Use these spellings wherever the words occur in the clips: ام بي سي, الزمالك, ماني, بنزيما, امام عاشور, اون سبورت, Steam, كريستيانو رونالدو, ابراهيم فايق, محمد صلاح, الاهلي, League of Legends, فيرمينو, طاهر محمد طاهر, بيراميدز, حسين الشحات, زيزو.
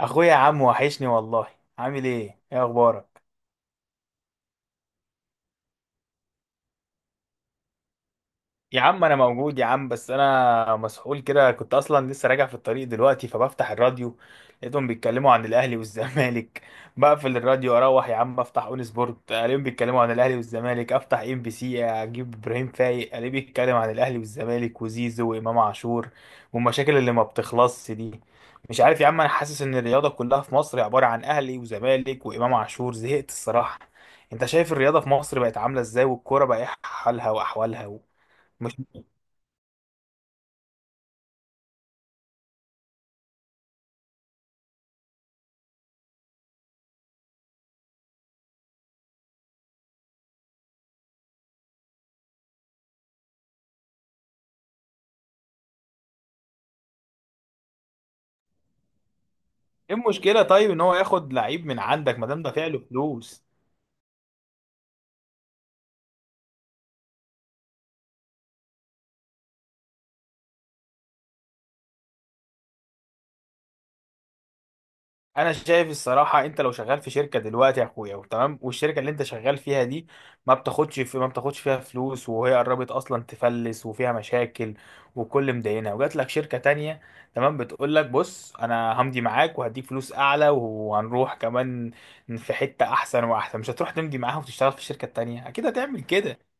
اخويا يا عم وحشني والله. عامل ايه، ايه اخبارك؟ يا عم انا موجود يا عم، بس انا مسحول كده. كنت اصلا لسه راجع في الطريق دلوقتي فبفتح الراديو لقيتهم بيتكلموا عن الاهلي والزمالك بقفل الراديو اروح يا عم افتح اون سبورت الاقيهم بيتكلموا عن الاهلي والزمالك، افتح ام بي سي اجيب ابراهيم فايق الاقيه بيتكلم عن الاهلي والزمالك وزيزو وامام عاشور والمشاكل اللي ما بتخلصش دي. مش عارف يا عم، انا حاسس ان الرياضه كلها في مصر عباره عن اهلي وزمالك وامام عاشور. زهقت الصراحه. انت شايف الرياضه في مصر بقت عامله ازاي، والكوره بقى ايه حالها واحوالها؟ ايه المشكله طيب ان هو ياخد لعيب من عندك ما دام دافع له فلوس؟ انا شايف الصراحه، انت لو شغال في شركه دلوقتي يا اخويا وتمام، والشركه اللي انت شغال فيها دي ما بتاخدش فيها فلوس، وهي قربت اصلا تفلس وفيها مشاكل، وكل مدينه وجات لك شركه تانية تمام، بتقول لك بص انا همضي معاك وهديك فلوس اعلى وهنروح كمان في حته احسن واحسن، مش هتروح تمضي معاها وتشتغل في الشركه التانية؟ اكيد هتعمل كده.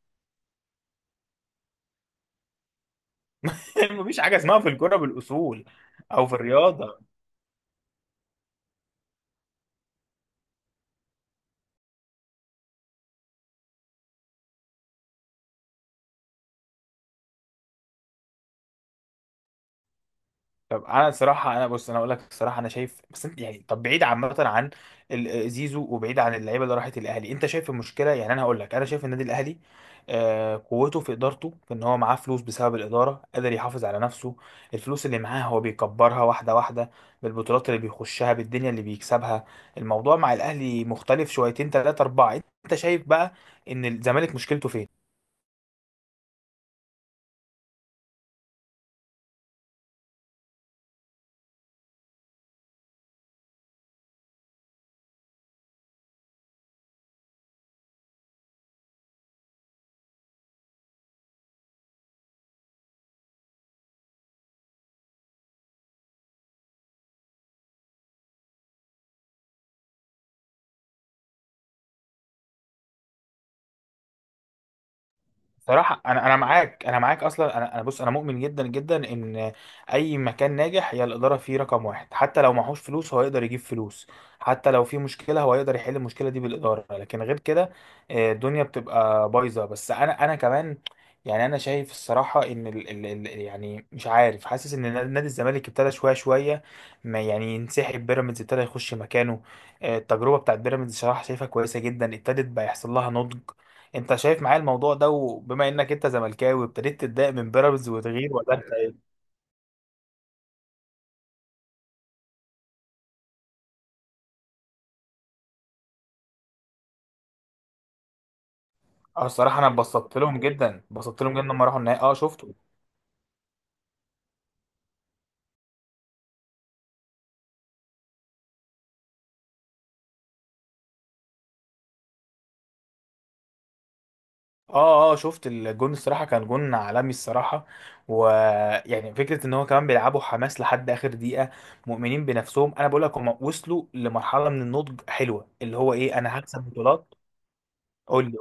مفيش حاجه اسمها في الكوره بالاصول او في الرياضه. طب انا صراحه انا بص انا اقول لك الصراحه انا شايف، بس انت يعني طب بعيد عامه عن زيزو وبعيد عن اللعيبه اللي راحت الاهلي، انت شايف المشكله؟ يعني انا هقول لك، انا شايف النادي الاهلي آه قوته في ادارته، في ان هو معاه فلوس. بسبب الاداره قادر يحافظ على نفسه. الفلوس اللي معاه هو بيكبرها واحده واحده بالبطولات اللي بيخشها، بالدنيا اللي بيكسبها. الموضوع مع الاهلي مختلف شويتين ثلاثه اربعه. انت شايف بقى ان الزمالك مشكلته فين؟ صراحة أنا معاك، أنا معاك أصلا. أنا بص أنا مؤمن جدا جدا إن أي مكان ناجح هي الإدارة فيه رقم واحد. حتى لو معهوش فلوس هو يقدر يجيب فلوس، حتى لو في مشكلة هو يقدر يحل المشكلة دي بالإدارة. لكن غير كده الدنيا بتبقى بايظة. بس أنا كمان يعني أنا شايف الصراحة إن ال يعني مش عارف، حاسس إن نادي الزمالك ابتدى شوية شوية ما يعني ينسحب، بيراميدز ابتدى يخش مكانه. التجربة بتاعت بيراميدز صراحة شايفها كويسة جدا، ابتدت بقى يحصل لها نضج. انت شايف معايا الموضوع ده، وبما انك انت زملكاوي ابتديت تتضايق من بيراميدز وتغيير، ولا انت ايه؟ اه الصراحه انا اتبسطت لهم جدا، اتبسطت لهم جدا لما راحوا النهائي. اه شفته. اه اه شفت الجون، الصراحه كان جون عالمي الصراحه. ويعني فكره ان هو كمان بيلعبوا حماس لحد اخر دقيقه، مؤمنين بنفسهم. انا بقول لك هم وصلوا لمرحله من النضج حلوه، اللي هو ايه، انا هكسب بطولات. قول لي.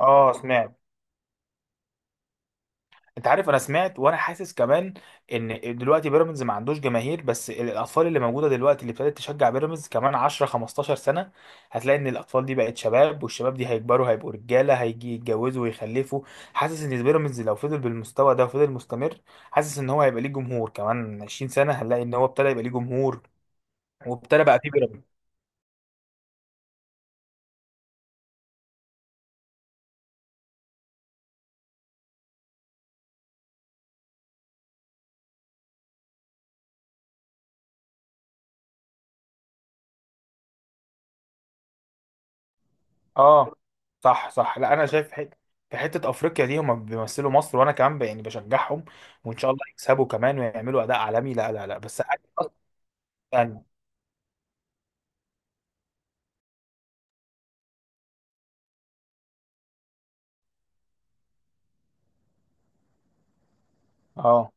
اه سمعت. انت عارف انا سمعت وانا حاسس كمان ان دلوقتي بيراميدز ما عندوش جماهير، بس الاطفال اللي موجوده دلوقتي اللي ابتدت تشجع بيراميدز، كمان 10 15 سنه هتلاقي ان الاطفال دي بقت شباب، والشباب دي هيكبروا هيبقوا رجاله هيجي يتجوزوا ويخلفوا. حاسس ان بيراميدز لو فضل بالمستوى ده وفضل مستمر، حاسس ان هو هيبقى ليه جمهور. كمان 20 سنه هنلاقي ان هو ابتدى يبقى ليه جمهور، وابتدى بقى فيه بيراميدز. اه صح صح. لا انا شايف في حته افريقيا دي هم بيمثلوا مصر، وانا كمان يعني بشجعهم وان شاء الله يكسبوا كمان ويعملوا اداء عالمي. لا لا لا بس عادي، أصلاً. يعني اه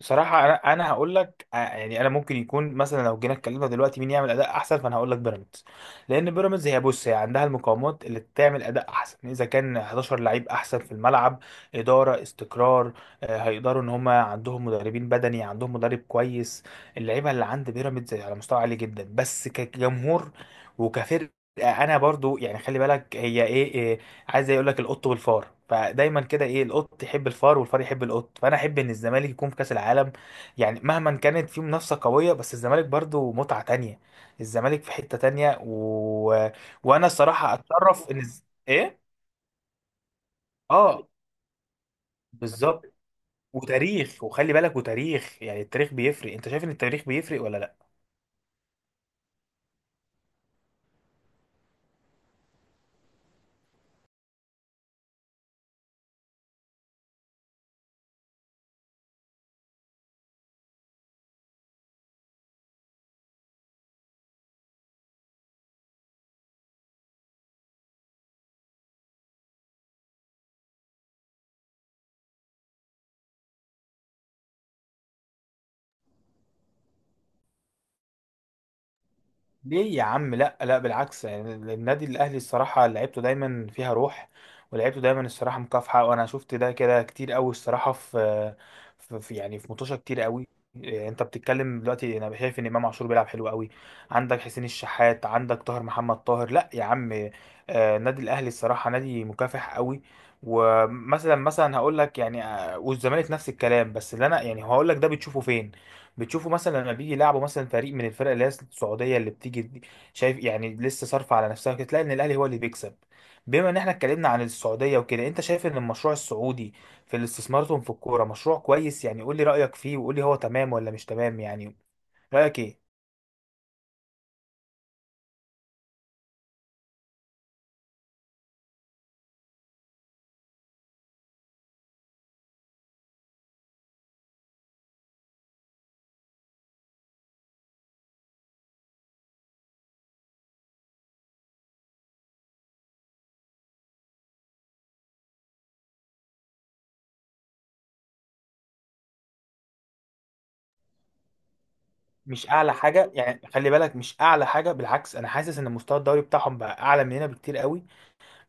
بصراحة أنا هقول لك يعني أنا ممكن يكون مثلا لو جينا اتكلمنا دلوقتي مين يعمل أداء أحسن، فأنا هقول لك بيراميدز. لأن بيراميدز هي بص هي عندها المقومات اللي تعمل أداء أحسن، إذا كان 11 لعيب أحسن في الملعب، إدارة، استقرار. هيقدروا، إن هما عندهم مدربين بدني، عندهم مدرب كويس. اللعيبة اللي عند بيراميدز على مستوى عالي جدا، بس كجمهور وكفرقة أنا برضو يعني خلي بالك هي إيه عايز يقول لك القط والفار. فدايما كده ايه، القط يحب الفار والفار يحب القط، فانا احب ان الزمالك يكون في كاس العالم. يعني مهما كانت في منافسه قويه، بس الزمالك برضو متعه تانية، الزمالك في حته تانية. و... وانا الصراحه اتشرف ان ايه. اه بالظبط، وتاريخ، وخلي بالك وتاريخ. يعني التاريخ بيفرق، انت شايف ان التاريخ بيفرق ولا لا؟ ليه يا عم؟ لا لا بالعكس، يعني النادي الاهلي الصراحه لعيبته دايما فيها روح، ولعيبته دايما الصراحه مكافحه، وانا شفت ده كده كتير قوي الصراحه. يعني في مطوشه كتير قوي. انت بتتكلم دلوقتي، انا شايف ان امام عاشور بيلعب حلو قوي، عندك حسين الشحات، عندك طاهر محمد طاهر. لا يا عم، النادي الاهلي الصراحه نادي مكافح قوي. ومثلا هقول لك يعني، والزمالك نفس الكلام. بس اللي انا يعني هقول لك ده بتشوفه فين؟ بتشوفه مثلا لما بيجي يلعبوا مثلا فريق من الفرق اللي هي السعوديه اللي بتيجي دي، شايف يعني لسه صارفه على نفسها كده، تلاقي ان الاهلي هو اللي بيكسب. بما ان احنا اتكلمنا عن السعوديه وكده، انت شايف ان المشروع السعودي في الاستثماراتهم في الكوره مشروع كويس؟ يعني قول لي رايك فيه، وقول لي هو تمام ولا مش تمام يعني. رايك ايه؟ مش اعلى حاجه يعني، خلي بالك مش اعلى حاجه. بالعكس انا حاسس ان مستوى الدوري بتاعهم بقى اعلى مننا بكتير قوي،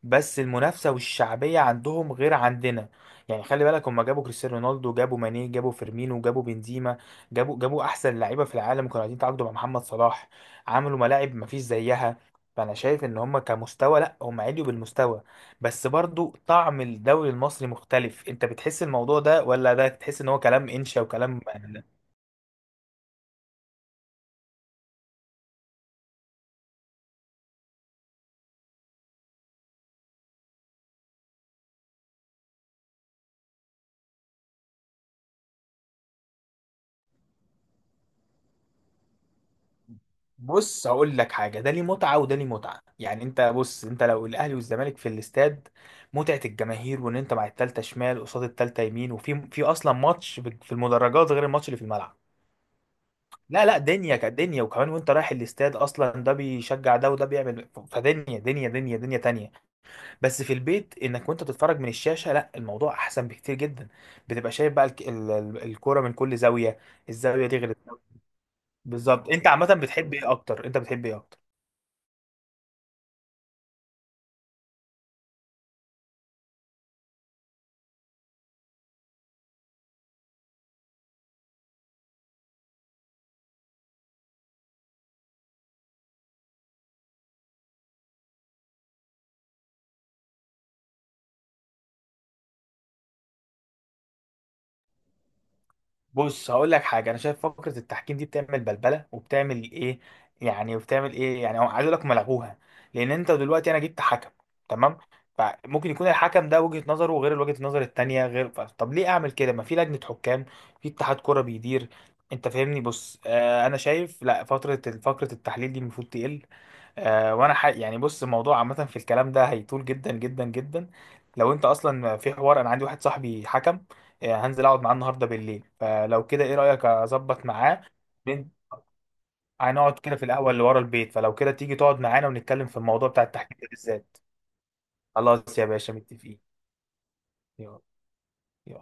بس المنافسه والشعبيه عندهم غير عندنا. يعني خلي بالك هم جابوا كريستيانو رونالدو، جابوا ماني، جابوا فيرمينو، جابوا بنزيما، جابوا احسن لعيبه في العالم، كانوا قاعدين يتعاقدوا مع محمد صلاح، عملوا ملاعب مفيش زيها. فانا شايف ان هم كمستوى لا هم عليوا بالمستوى، بس برضو طعم الدوري المصري مختلف. انت بتحس الموضوع ده، ولا ده تحس ان هو كلام انشا وكلام؟ بص هقول لك حاجه، ده ليه متعه وده ليه متعه. يعني انت بص انت لو الاهلي والزمالك في الاستاد، متعه الجماهير، وان انت مع التالتة شمال قصاد التالتة يمين، وفي اصلا ماتش في المدرجات غير الماتش اللي في الملعب. لا لا، دنيا كدنيا، وكمان وانت رايح الاستاد اصلا ده بيشجع ده وده بيعمل، فدنيا دنيا دنيا دنيا تانية. بس في البيت انك وانت بتتفرج من الشاشه، لا الموضوع احسن بكتير جدا، بتبقى شايف بقى الكوره من كل زاويه. الزاويه دي غير الزاوية. بالظبط. انت عامه بتحب ايه اكتر؟ انت بتحب ايه اكتر؟ بص هقول لك حاجه، انا شايف فكره التحكيم دي بتعمل بلبله وبتعمل ايه يعني، وبتعمل ايه يعني. هو عايز اقول لك ملغوها، لان انت دلوقتي انا جبت حكم تمام، فممكن يكون الحكم ده وجهه نظره غير وجهه النظر التانيه غير، طب ليه اعمل كده؟ ما في لجنه حكام في اتحاد كوره بيدير. انت فاهمني؟ بص آه انا شايف لا فتره، فقره التحليل دي المفروض تقل. وانا يعني بص الموضوع عامه، في الكلام ده هيطول جدا جدا جدا لو انت اصلا في حوار. انا عندي واحد صاحبي حكم، هنزل اقعد معاه النهارده بالليل. فلو كده ايه رايك اظبط معاه؟ بن- هنقعد كده في القهوه اللي ورا البيت، فلو كده تيجي تقعد معانا ونتكلم في الموضوع بتاع التحكيم ده بالذات. خلاص يا باشا متفقين. يلا.